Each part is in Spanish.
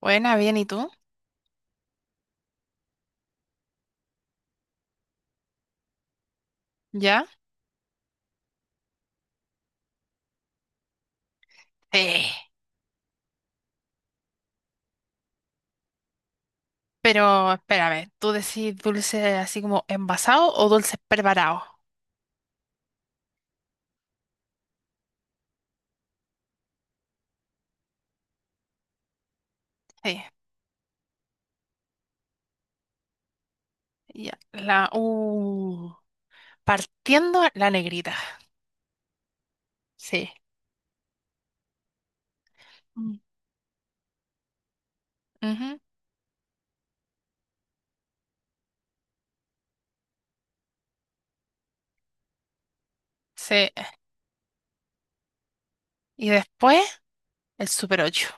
Buena, bien, ¿y tú? ¿Ya? Sí. Pero espera, a ver, ¿tú decís dulce así como envasado o dulce preparado? Sí. Ya. La Partiendo la negrita. Sí. Mm. Ujú, sí. Y después el Super 8.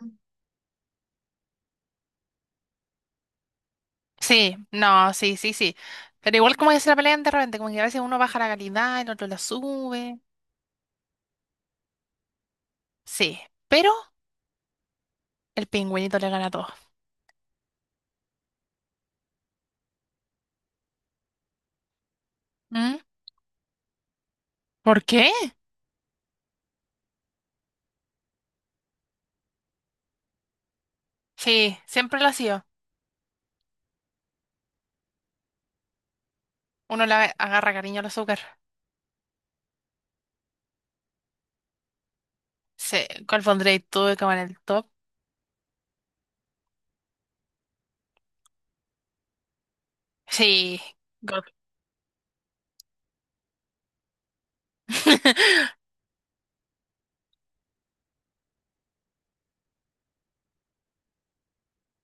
Mm. Sí, no, sí, sí, sí. Pero igual como que se la pelean de repente, como que a veces uno baja la calidad, el otro la sube. Sí. Pero el pingüinito le gana a todos. ¿Mm? ¿Por qué? Sí, siempre lo ha sido. Uno le agarra cariño al azúcar. Sí, ¿cuál pondréis tú como en el top? Sí, God.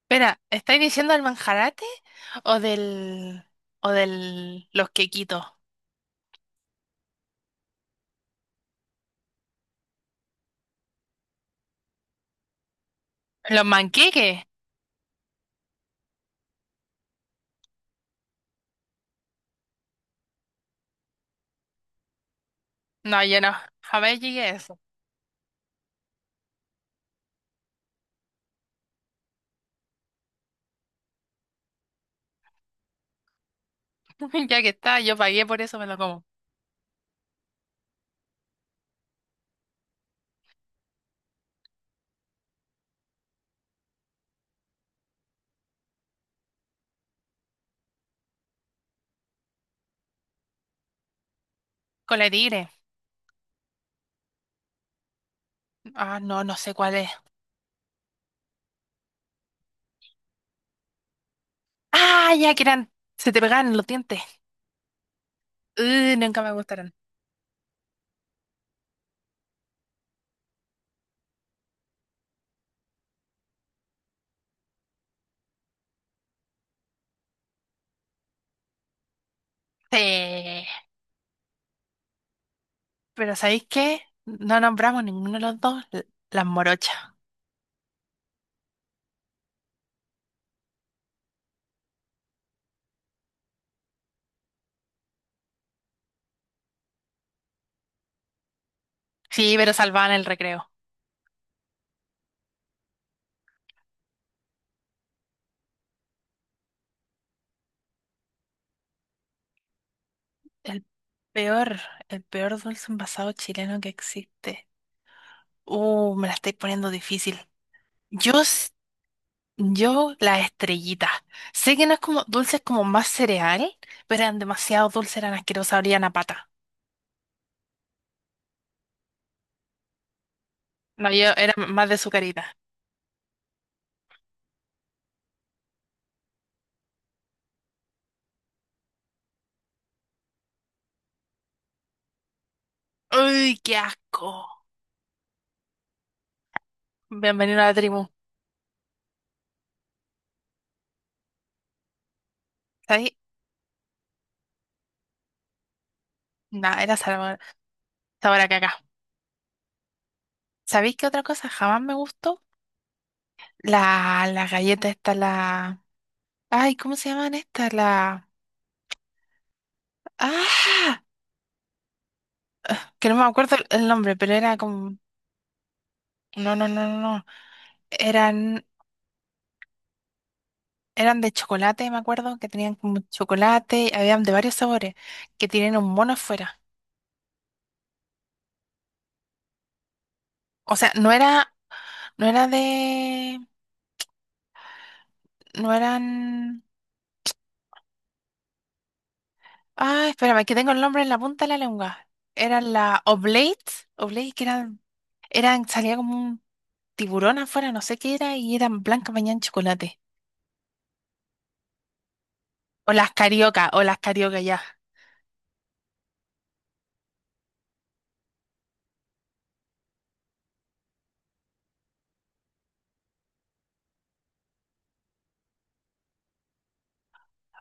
Espera, ¿estáis diciendo del manjarate o del o del los quequitos? ¿Los manqueques? No, yo no. Jamás llegué a eso. Ya que está, yo pagué por eso, me lo como. Cola de tigre. Ah, no, no sé cuál es. Ah, ya que eran, se te pegaban en los dientes. Nunca me gustaron. Sí. Pero ¿sabéis qué? No nombramos ninguno de los dos las morochas. Sí, pero salvaban el recreo. El peor, el peor dulce envasado chileno que existe. Me la estáis poniendo difícil. Yo, s- yo, las estrellitas. Sé que no es como dulces como más cereal, pero eran demasiado dulces, eran asquerosas, olían a pata. No, yo era más de sucarita. ¡Uy, qué asco! Bienvenido a la tribu. ¿Sabéis? Nah, era sabor, sabor a caca. ¿Sabéis qué otra cosa jamás me gustó? La galleta esta. Ay, ¿cómo se llaman estas? Ah, que no me acuerdo el nombre. No, no, no, no, no. Eran, eran de chocolate, me acuerdo, que tenían como chocolate, habían de varios sabores, que tienen un mono afuera. O sea, no era de. No eran. Ah, espérame, que tengo el nombre en la punta de la lengua. Eran la Oblates, Oblates que eran, salía como un tiburón afuera, no sé qué era, y eran blancas bañadas en chocolate. O las carioca ya.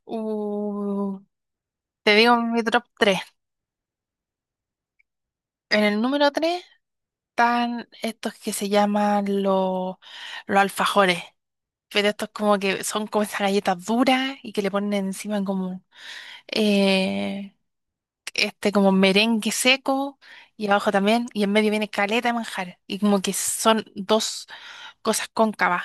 Uh, Te digo mi top 3. En el número 3 están estos que se llaman los alfajores. Pero estos como que son como esas galletas duras y que le ponen encima como eh, este como merengue seco y abajo también y en medio viene caleta de manjar y como que son dos cosas cóncavas.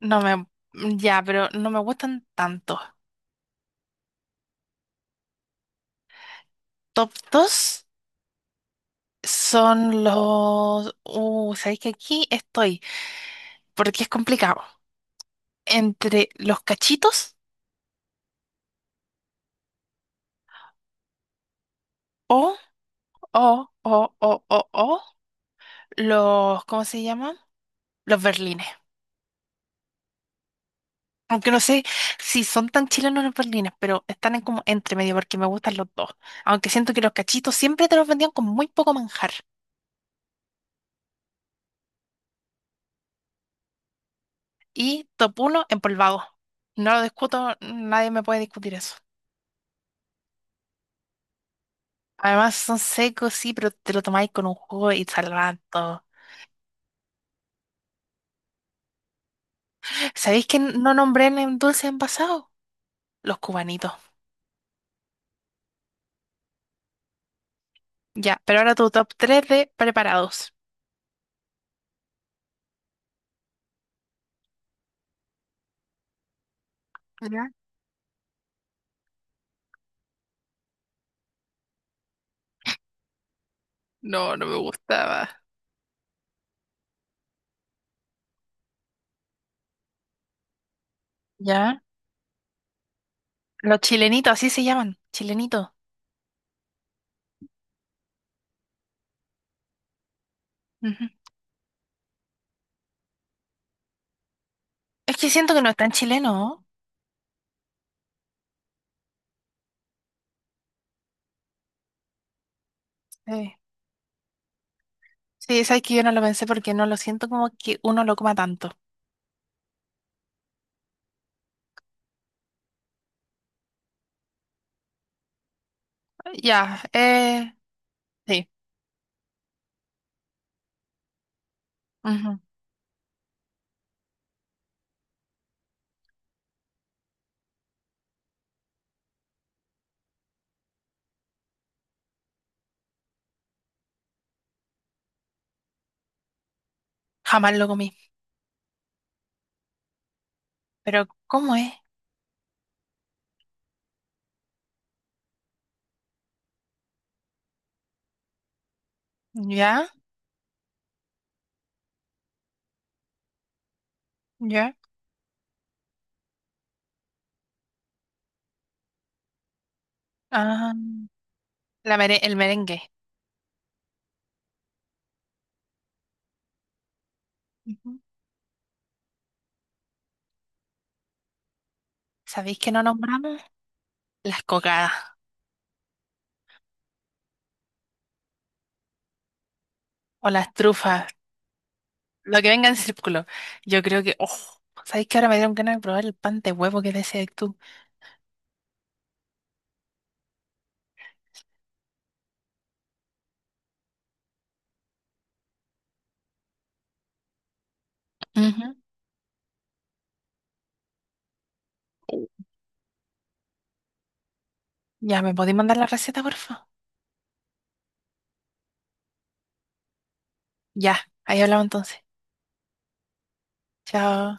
No me Ya, pero no me gustan tanto. Top 2 son los, sabéis que aquí estoy porque es complicado, entre los cachitos o, o ¿cómo se llaman? Los berlines. Aunque no sé si son tan chilenos los berlines, pero están en como entre medio porque me gustan los dos. Aunque siento que los cachitos siempre te los vendían con muy poco manjar. Y top uno, empolvado. No lo discuto, nadie me puede discutir eso. Además son secos, sí, pero te lo tomáis con un jugo y salvando. ¿Sabéis que no nombré en dulce envasado? Los cubanitos. Ya, pero ahora tu top 3 de preparados. Ya. No, no me gustaba. Ya. Los chilenitos, así se llaman, chilenitos. Ujú. Es que siento que no es tan chileno, ¿no? Sí. Sí, sabes que yo no lo pensé porque no lo siento como que uno lo coma tanto. Ya, sí. Ujú. Jamás lo comí. Pero, ¿cómo es? Ya, ya. Ah, el merengue. Ujú. ¿Sabéis que no nombramos? Las cocadas o las trufas. Lo que venga en círculo. Yo creo que, oh, ¿sabéis que ahora me dieron ganas de probar el pan de huevo que decías tú? Ujú. Ya, ¿me podéis mandar la receta, porfa? Ya, ahí hablamos entonces. Chao.